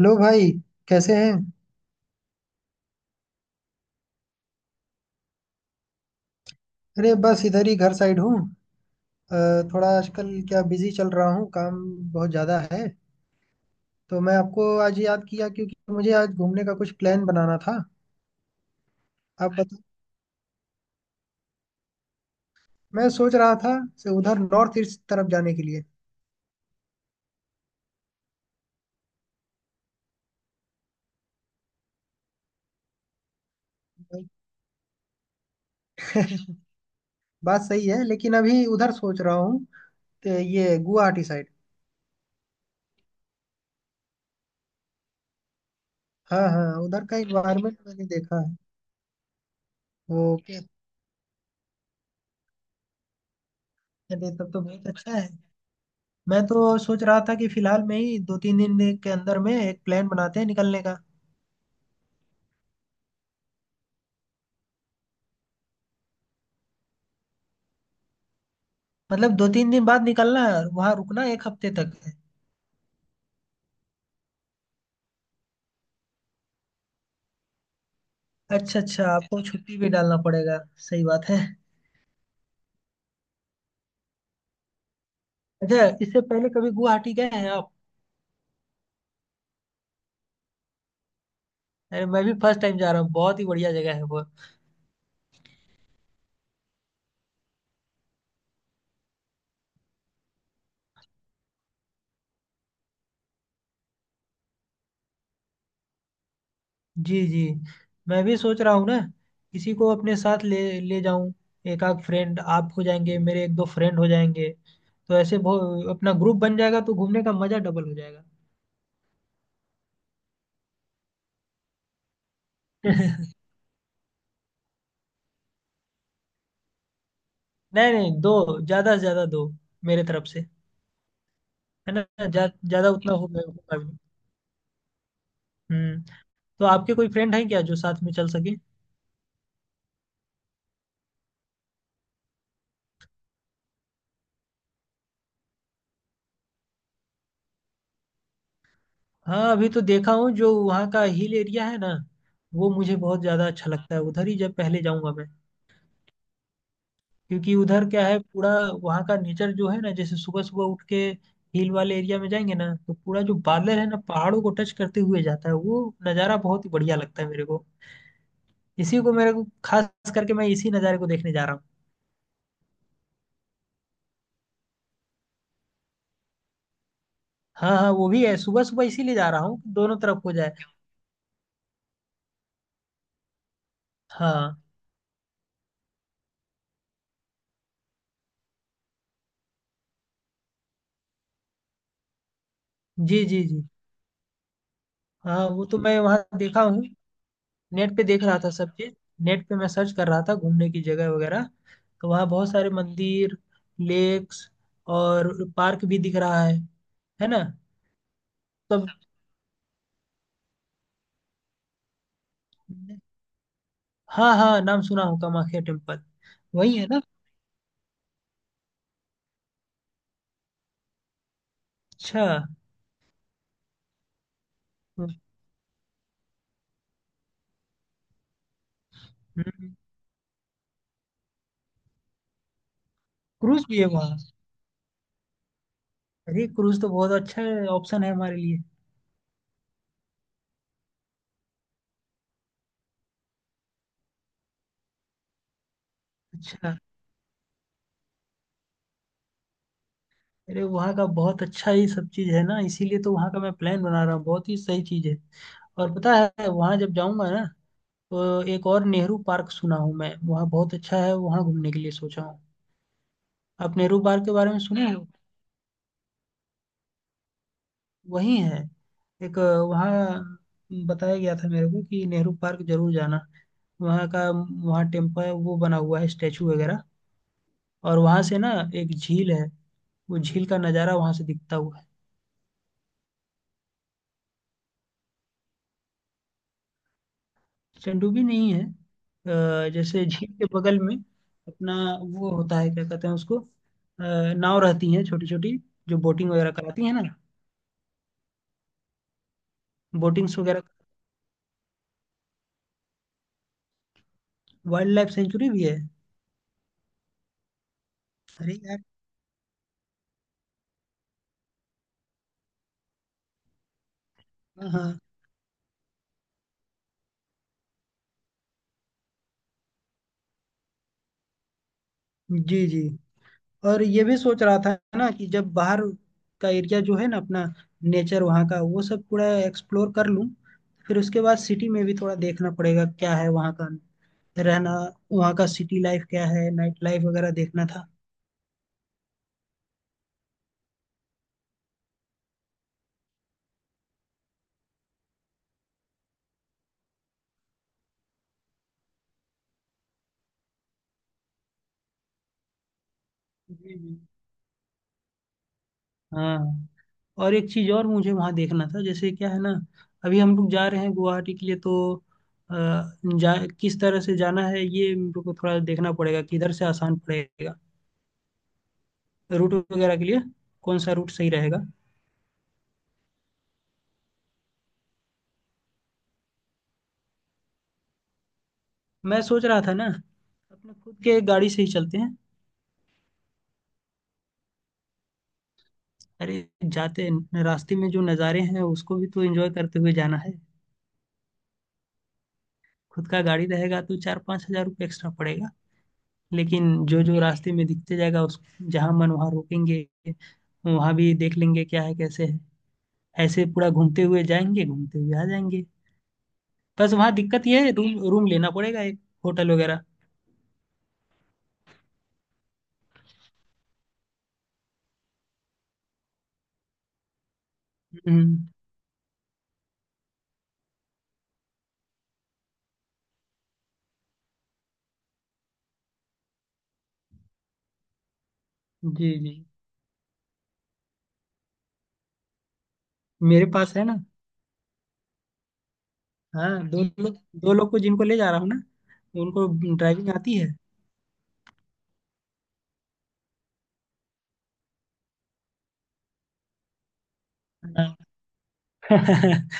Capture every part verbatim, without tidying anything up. Hello भाई। कैसे हैं? अरे बस इधर ही घर साइड हूँ। अ, थोड़ा आजकल क्या बिजी चल रहा हूँ, काम बहुत ज़्यादा है। तो मैं आपको आज याद किया क्योंकि मुझे आज घूमने का कुछ प्लान बनाना था। आप बता। मैं सोच रहा था से उधर नॉर्थ ईस्ट तरफ जाने के लिए। बात सही है, लेकिन अभी उधर सोच रहा हूँ, तो ये गुवाहाटी साइड। हाँ हाँ, उधर का इन्वायरमेंट मैंने देखा है। वो क्या? अरे तब तो बहुत अच्छा है। मैं तो सोच रहा था कि फिलहाल में ही दो तीन दिन के अंदर में एक प्लान बनाते हैं निकलने का। मतलब दो तीन दिन बाद निकलना है और वहां रुकना एक हफ्ते तक है। अच्छा अच्छा, आपको छुट्टी भी डालना पड़ेगा। सही बात है। अच्छा, इससे पहले कभी गुवाहाटी गए हैं आप? अरे मैं भी फर्स्ट टाइम जा रहा हूँ, बहुत ही बढ़िया जगह है वो। जी जी। मैं भी सोच रहा हूँ ना, किसी को अपने साथ ले ले जाऊं। एक आध फ्रेंड आप हो जाएंगे, मेरे एक दो फ्रेंड हो जाएंगे। तो ऐसे बहु- अपना ग्रुप बन जाएगा, तो घूमने का मजा डबल हो जाएगा। नहीं नहीं, दो। ज्यादा से ज्यादा दो मेरे तरफ से। है ना, ज्या- ज्यादा उतना होगा, होगा भी नहीं। हम्म। तो आपके कोई फ्रेंड हैं क्या जो साथ में चल सके? हाँ अभी तो देखा हूँ जो वहाँ का हिल एरिया है ना। वो मुझे बहुत ज़्यादा अच्छा लगता है, उधर ही जब पहले जाऊँगा मैं। क्योंकि उधर क्या है पूरा। वहाँ का नेचर जो है ना, जैसे सुबह सुबह उठ के हिल वाले एरिया में जाएंगे ना, तो पूरा जो बादल है ना पहाड़ों को टच करते हुए जाता है, वो नज़ारा बहुत ही बढ़िया लगता है मेरे को। इसी को मेरे को खास करके मैं इसी नज़ारे को देखने जा रहा हूँ। हाँ हाँ, वो भी है। सुबह सुबह इसीलिए जा रहा हूँ कि दोनों तरफ हो जाए। हाँ। जी जी जी। हाँ वो तो मैं वहाँ देखा हूँ। नेट पे देख रहा था सब चीज। नेट पे मैं सर्च कर रहा था घूमने की जगह वगैरह। तो वहाँ बहुत सारे मंदिर, लेक्स और पार्क भी दिख रहा है। है ना? तब। हाँ हाँ, नाम सुना हूँ कामाख्या टेम्पल। वही है ना? अच्छा। हम्म, क्रूज भी है वहाँ? अरे क्रूज तो बहुत अच्छा ऑप्शन है हमारे लिए। अच्छा। अरे वहाँ का बहुत अच्छा ही सब चीज़ है ना, इसीलिए तो वहाँ का मैं प्लान बना रहा हूँ, बहुत ही सही चीज़ है। और पता है, वहाँ जब जाऊँगा ना, तो एक और नेहरू पार्क सुना हूँ मैं, वहाँ बहुत अच्छा है, वहाँ घूमने के लिए सोचा हूँ। आप नेहरू पार्क के बारे में सुने हो? वही है। एक अ, वहाँ बताया गया था मेरे को कि नेहरू पार्क जरूर जाना। वहाँ का, वहाँ टेम्पल वो बना हुआ है, स्टेचू वगैरह। और वहाँ से ना एक झील है। वो झील का नज़ारा वहाँ से दिखता हुआ है। चंडूबी नहीं है, अ, जैसे झील के बगल में अपना वो होता है, क्या कहते हैं उसको, अ, नाव रहती हैं छोटी छोटी। जो बोटिंग वगैरह कराती है ना? बोटिंग्स वगैरह। वाइल्ड लाइफ सेंचुरी भी है? अरे यार। हाँ हाँ। जी जी। और ये भी सोच रहा था ना कि जब बाहर का एरिया जो है ना अपना नेचर वहाँ का, वो सब पूरा एक्सप्लोर कर लूँ। फिर उसके बाद सिटी में भी थोड़ा देखना पड़ेगा क्या है वहाँ का रहना, वहाँ का सिटी लाइफ क्या है, नाइट लाइफ वगैरह देखना था। जी जी। हाँ। और एक चीज़ और मुझे वहाँ देखना था, जैसे क्या है ना, अभी हम लोग जा रहे हैं गुवाहाटी के लिए, तो अ, जा किस तरह से जाना है, ये मेरे को थोड़ा देखना पड़ेगा, किधर से आसान पड़ेगा। रूट वगैरह के लिए, कौन सा रूट सही रहेगा? मैं सोच रहा था ना, अपने खुद के गाड़ी से ही चलते हैं। अरे जाते रास्ते में जो नज़ारे हैं उसको भी तो एंजॉय करते हुए जाना है। खुद का गाड़ी रहेगा तो चार पाँच हजार रुपये एक्स्ट्रा पड़ेगा। लेकिन जो जो रास्ते में दिखते जाएगा उस जहाँ मन वहाँ रोकेंगे, वहाँ भी देख लेंगे क्या है कैसे है, ऐसे पूरा घूमते हुए जाएंगे, घूमते हुए आ जाएंगे। बस वहाँ दिक्कत ये है रूम रूम लेना पड़ेगा एक, होटल वगैरह। हम्म, जी जी। मेरे पास है ना? हाँ, दो लोग, दो लोग को जिनको ले जा रहा हूँ ना, तो उनको ड्राइविंग आती है। हाँ।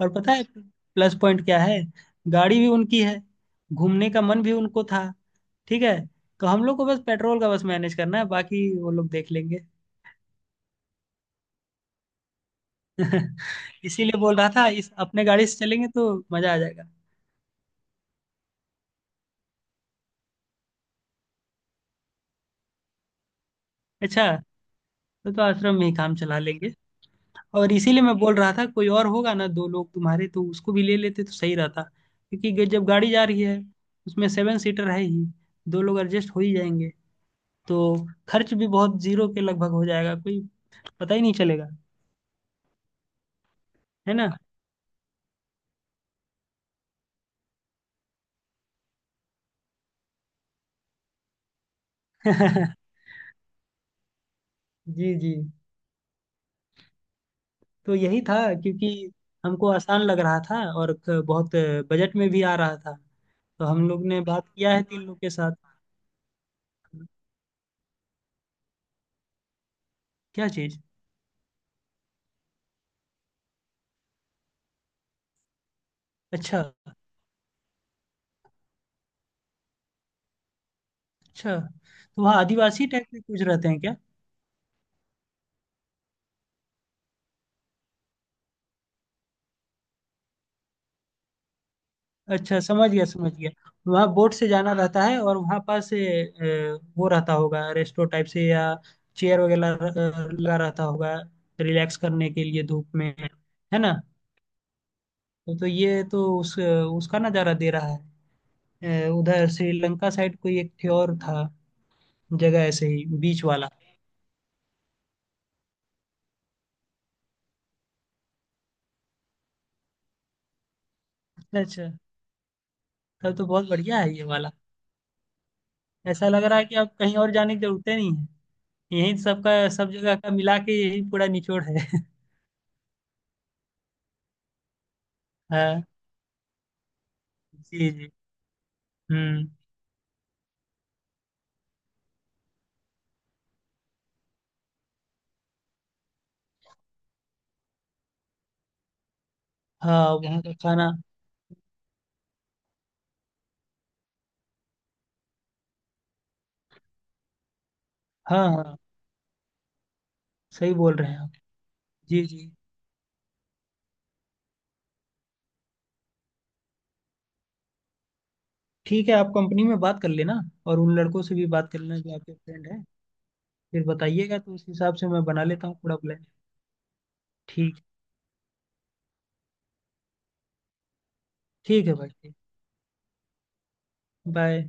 और पता है प्लस पॉइंट क्या है? गाड़ी भी उनकी है, घूमने का मन भी उनको था। ठीक है, तो हम लोग को बस पेट्रोल का बस मैनेज करना है, बाकी वो लोग देख लेंगे। इसीलिए बोल रहा था इस अपने गाड़ी से चलेंगे तो मजा आ जाएगा। अच्छा। तो, तो आश्रम में ही काम चला लेंगे। और इसीलिए मैं बोल रहा था कोई और होगा ना दो लोग तुम्हारे, तो उसको भी ले लेते तो सही रहता, क्योंकि ग- जब गाड़ी जा रही है, उसमें सेवन सीटर है ही, दो लोग एडजस्ट हो ही जाएंगे, तो खर्च भी बहुत जीरो के लगभग हो जाएगा, कोई पता ही नहीं चलेगा। है ना? जी जी। तो यही था, क्योंकि हमको आसान लग रहा था और क- बहुत बजट में भी आ रहा था। तो हम लोग ने बात किया है तीन लोग के साथ। क्या चीज? अच्छा अच्छा। तो वहाँ आदिवासी टाइप के कुछ रहते हैं? अच्छा समझ गया समझ गया। वहाँ बोट से जाना रहता है, और वहाँ पास ए, ए, वो रहता होगा रेस्टो टाइप से, या चेयर वगैरह अ, लगा रहता होगा रिलैक्स करने के लिए धूप में। है ना? तो, तो ये तो उस उसका नज़ारा दे रहा है। ए, उधर श्रीलंका साइड कोई एक थी और था जगह, ऐसे ही बीच वाला। अच्छा अच्छा। तब तो बहुत बढ़िया है ये वाला। ऐसा लग रहा है कि अब कहीं और जाने की जरूरत ही नहीं है, यहीं सबका सब जगह का मिला के यही पूरा निचोड़ है। हाँ। जी जी। हम्म। हाँ वहाँ का खाना। हाँ हाँ सही बोल रहे हैं आप। जी जी। ठीक है, आप कंपनी में बात कर लेना, और उन लड़कों से भी बात कर लेना जो आपके फ्रेंड हैं। फिर बताइएगा, तो उस हिसाब से मैं बना लेता हूँ पूरा प्लान। ठीक। ठीक है भाई। बाय।